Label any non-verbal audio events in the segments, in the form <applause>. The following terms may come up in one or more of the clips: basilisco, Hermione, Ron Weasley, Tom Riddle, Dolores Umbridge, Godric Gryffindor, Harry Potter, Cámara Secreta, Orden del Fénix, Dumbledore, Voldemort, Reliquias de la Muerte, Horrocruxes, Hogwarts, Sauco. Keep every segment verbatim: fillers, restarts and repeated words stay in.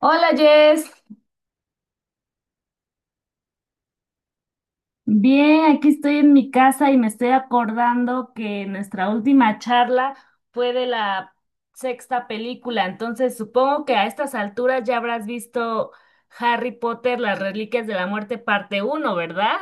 Hola, Jess. Bien, aquí estoy en mi casa y me estoy acordando que nuestra última charla fue de la sexta película, entonces supongo que a estas alturas ya habrás visto Harry Potter, las Reliquias de la Muerte, parte uno, ¿verdad?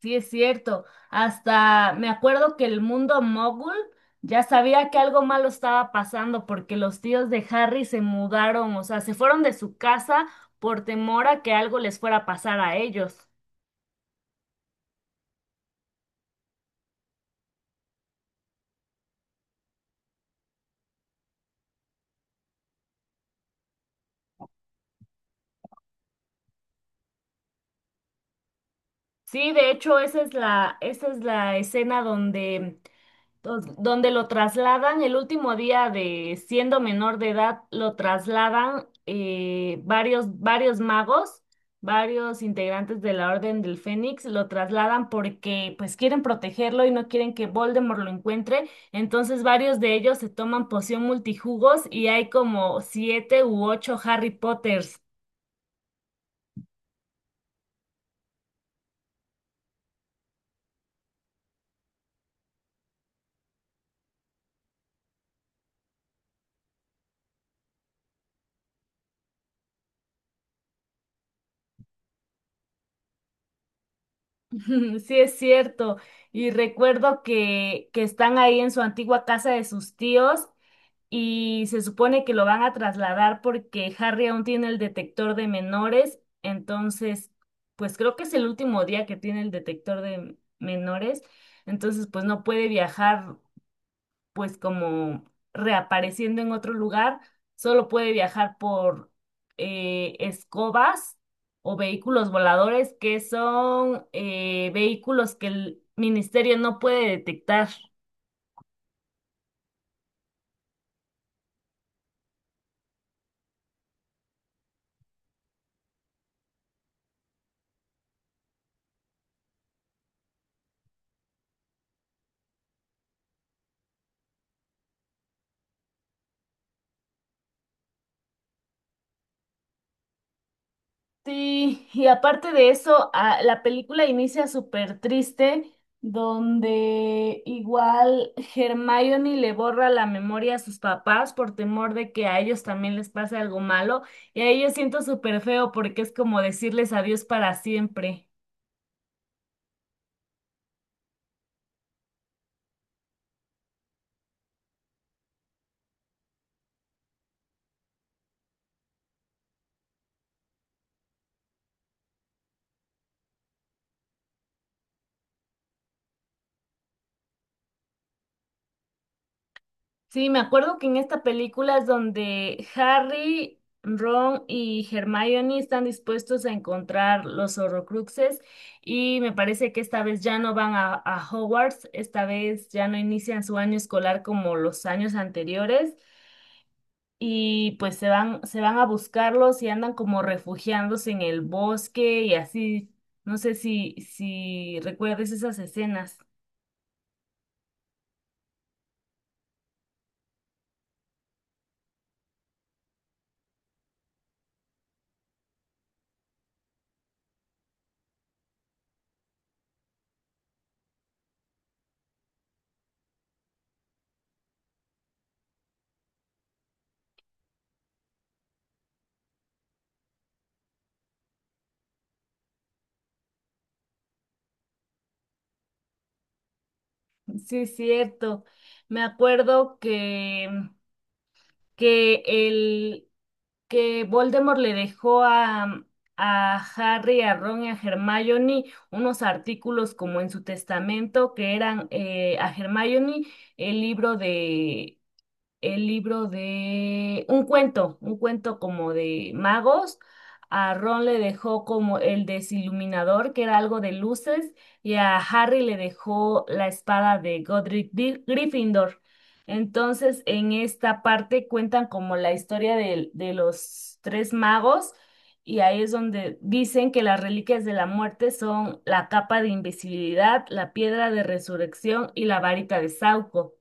Sí, es cierto. Hasta me acuerdo que el mundo mogul ya sabía que algo malo estaba pasando porque los tíos de Harry se mudaron, o sea, se fueron de su casa por temor a que algo les fuera a pasar a ellos. Sí, de hecho, esa es la, esa es la escena donde, dos- donde lo trasladan el último día de siendo menor de edad, lo trasladan eh, varios, varios magos, varios integrantes de la Orden del Fénix, lo trasladan porque pues quieren protegerlo y no quieren que Voldemort lo encuentre. Entonces varios de ellos se toman poción multijugos y hay como siete u ocho Harry Potters. <laughs> Sí, es cierto. Y recuerdo que, que están ahí en su antigua casa de sus tíos y se supone que lo van a trasladar porque Harry aún tiene el detector de menores. Entonces, pues creo que es el último día que tiene el detector de menores. Entonces, pues no puede viajar pues como reapareciendo en otro lugar, solo puede viajar por eh, escobas o vehículos voladores, que son eh, vehículos que el ministerio no puede detectar. Sí, y aparte de eso, a- la película inicia súper triste, donde igual Hermione le borra la memoria a sus papás por temor de que a ellos también les pase algo malo, y a ellos siento súper feo porque es como decirles adiós para siempre. Sí, me acuerdo que en esta película es donde Harry, Ron y Hermione están dispuestos a encontrar los Horrocruxes y me parece que esta vez ya no van a, a Hogwarts, esta vez ya no inician su año escolar como los años anteriores y pues se van, se van a buscarlos y andan como refugiándose en el bosque y así. No sé si, si recuerdes esas escenas. Sí, es cierto. Me acuerdo que que el que Voldemort le dejó a, a Harry, a Ron y a Hermione unos artículos como en su testamento que eran eh, a Hermione el libro de el libro de un cuento, un cuento como de magos. A Ron le dejó como el desiluminador, que era algo de luces, y a Harry le dejó la espada de Godric Di- Gryffindor. Entonces, en esta parte cuentan como la historia del- de los tres magos, y ahí es donde dicen que las reliquias de la muerte son la capa de invisibilidad, la piedra de resurrección y la varita de Sauco.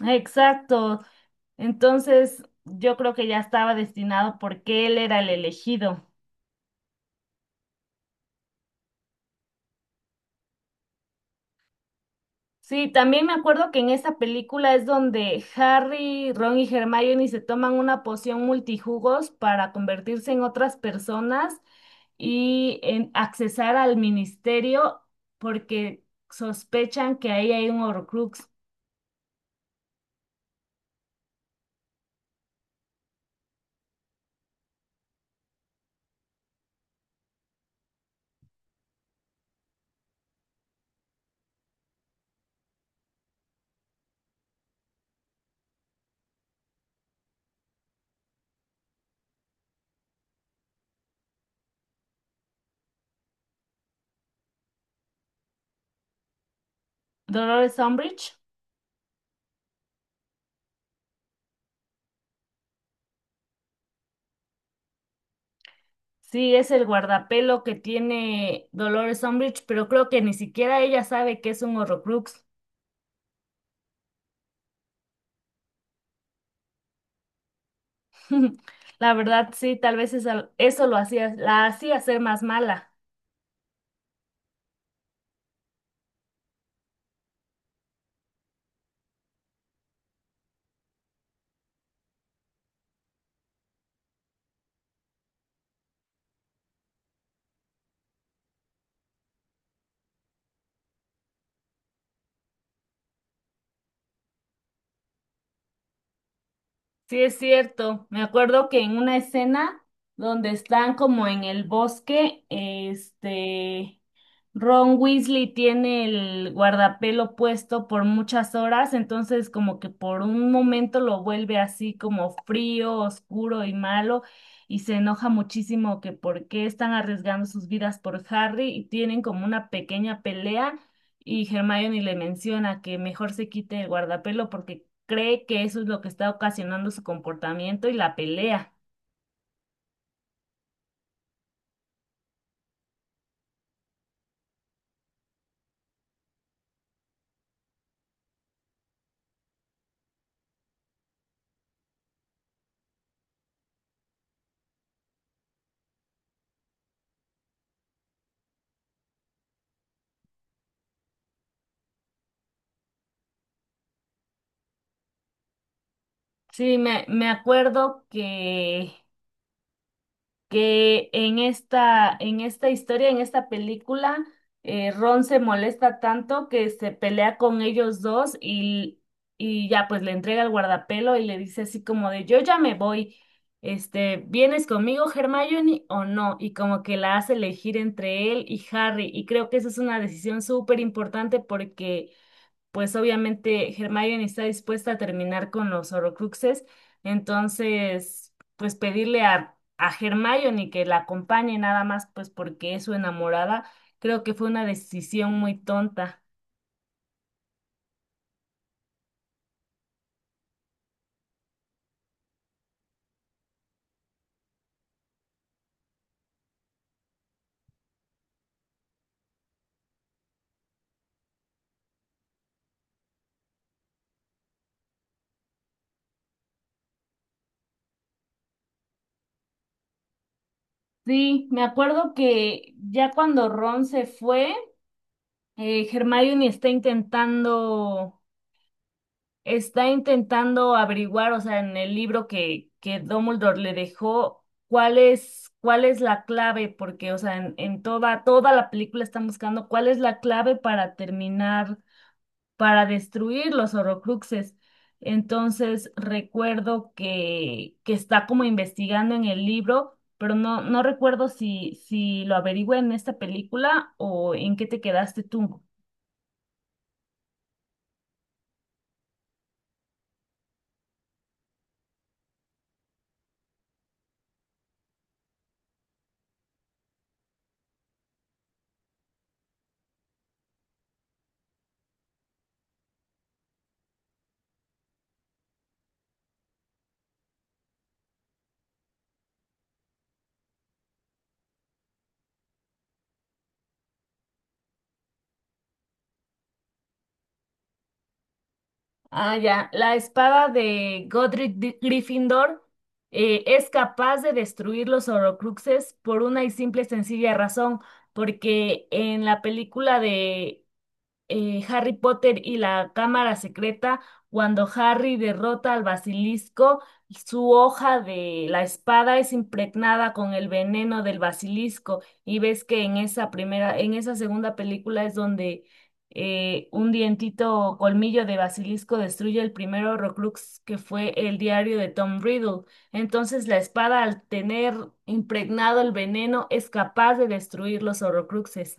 Exacto. Entonces, yo creo que ya estaba destinado porque él era el elegido. Sí, también me acuerdo que en esa película es donde Harry, Ron y Hermione se toman una poción multijugos para convertirse en otras personas y en accesar al ministerio porque sospechan que ahí hay un Horcrux. Dolores Umbridge, sí, es el guardapelo que tiene Dolores Umbridge, pero creo que ni siquiera ella sabe que es un Horcrux. <laughs> La verdad, sí, tal vez esa- eso lo hacía, la hacía ser más mala. Sí, es cierto. Me acuerdo que en una escena donde están como en el bosque, este, Ron Weasley tiene el guardapelo puesto por muchas horas, entonces como que por un momento lo vuelve así como frío, oscuro y malo, y se enoja muchísimo que por qué están arriesgando sus vidas por Harry y tienen como una pequeña pelea y Hermione le menciona que mejor se quite el guardapelo porque cree que eso es lo que está ocasionando su comportamiento y la pelea. Sí, me, me acuerdo que que en esta, en esta historia, en esta película, eh, Ron se molesta tanto que se pelea con ellos dos y, y ya pues le entrega el guardapelo y le dice así como de yo ya me voy, este, ¿vienes conmigo, Hermione, o no? Y como que la hace elegir entre él y Harry. Y creo que esa es una decisión súper importante porque pues obviamente Hermione está dispuesta a terminar con los Horrocruxes, entonces, pues pedirle a, a Hermione que la acompañe nada más, pues porque es su enamorada, creo que fue una decisión muy tonta. Sí, me acuerdo que ya cuando Ron se fue, eh, Hermione está intentando está intentando averiguar, o sea, en el libro que, que Dumbledore le dejó, cuál es, cuál es la clave, porque, o sea, en, en toda, toda la película están buscando cuál es la clave para terminar, para destruir los Horrocruxes. Entonces, recuerdo que, que está como investigando en el libro, pero no, no recuerdo si, si lo averigüé en esta película o en qué te quedaste tú. Ah, ya. La espada de Godric Di- Gryffindor eh, es capaz de destruir los Horrocruxes por una y simple y sencilla razón, porque en la película de eh, Harry Potter y la Cámara Secreta, cuando Harry derrota al basilisco, su hoja de la espada es impregnada con el veneno del basilisco. Y ves que en esa primera, en esa segunda película es donde eh, un dientito o colmillo de basilisco destruye el primer Horrocrux que fue el diario de Tom Riddle. Entonces la espada al tener impregnado el veneno es capaz de destruir los Horrocruxes.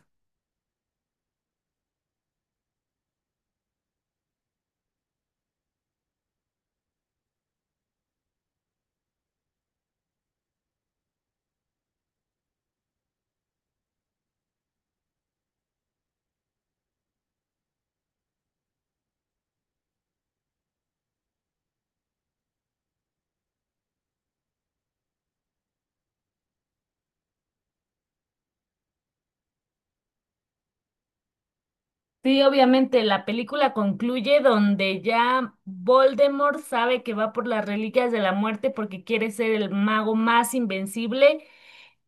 Sí, obviamente, la película concluye donde ya Voldemort sabe que va por las reliquias de la muerte porque quiere ser el mago más invencible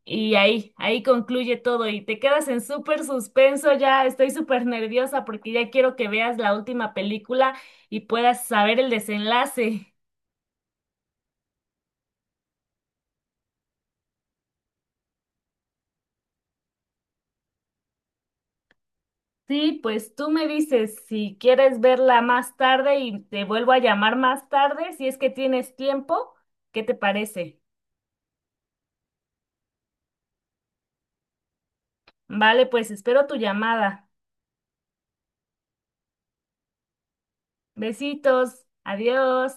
y ahí, ahí concluye todo y te quedas en súper suspenso, ya estoy súper nerviosa porque ya quiero que veas la última película y puedas saber el desenlace. Sí, pues tú me dices si quieres verla más tarde y te vuelvo a llamar más tarde, si es que tienes tiempo, ¿qué te parece? Vale, pues espero tu llamada. Besitos, adiós.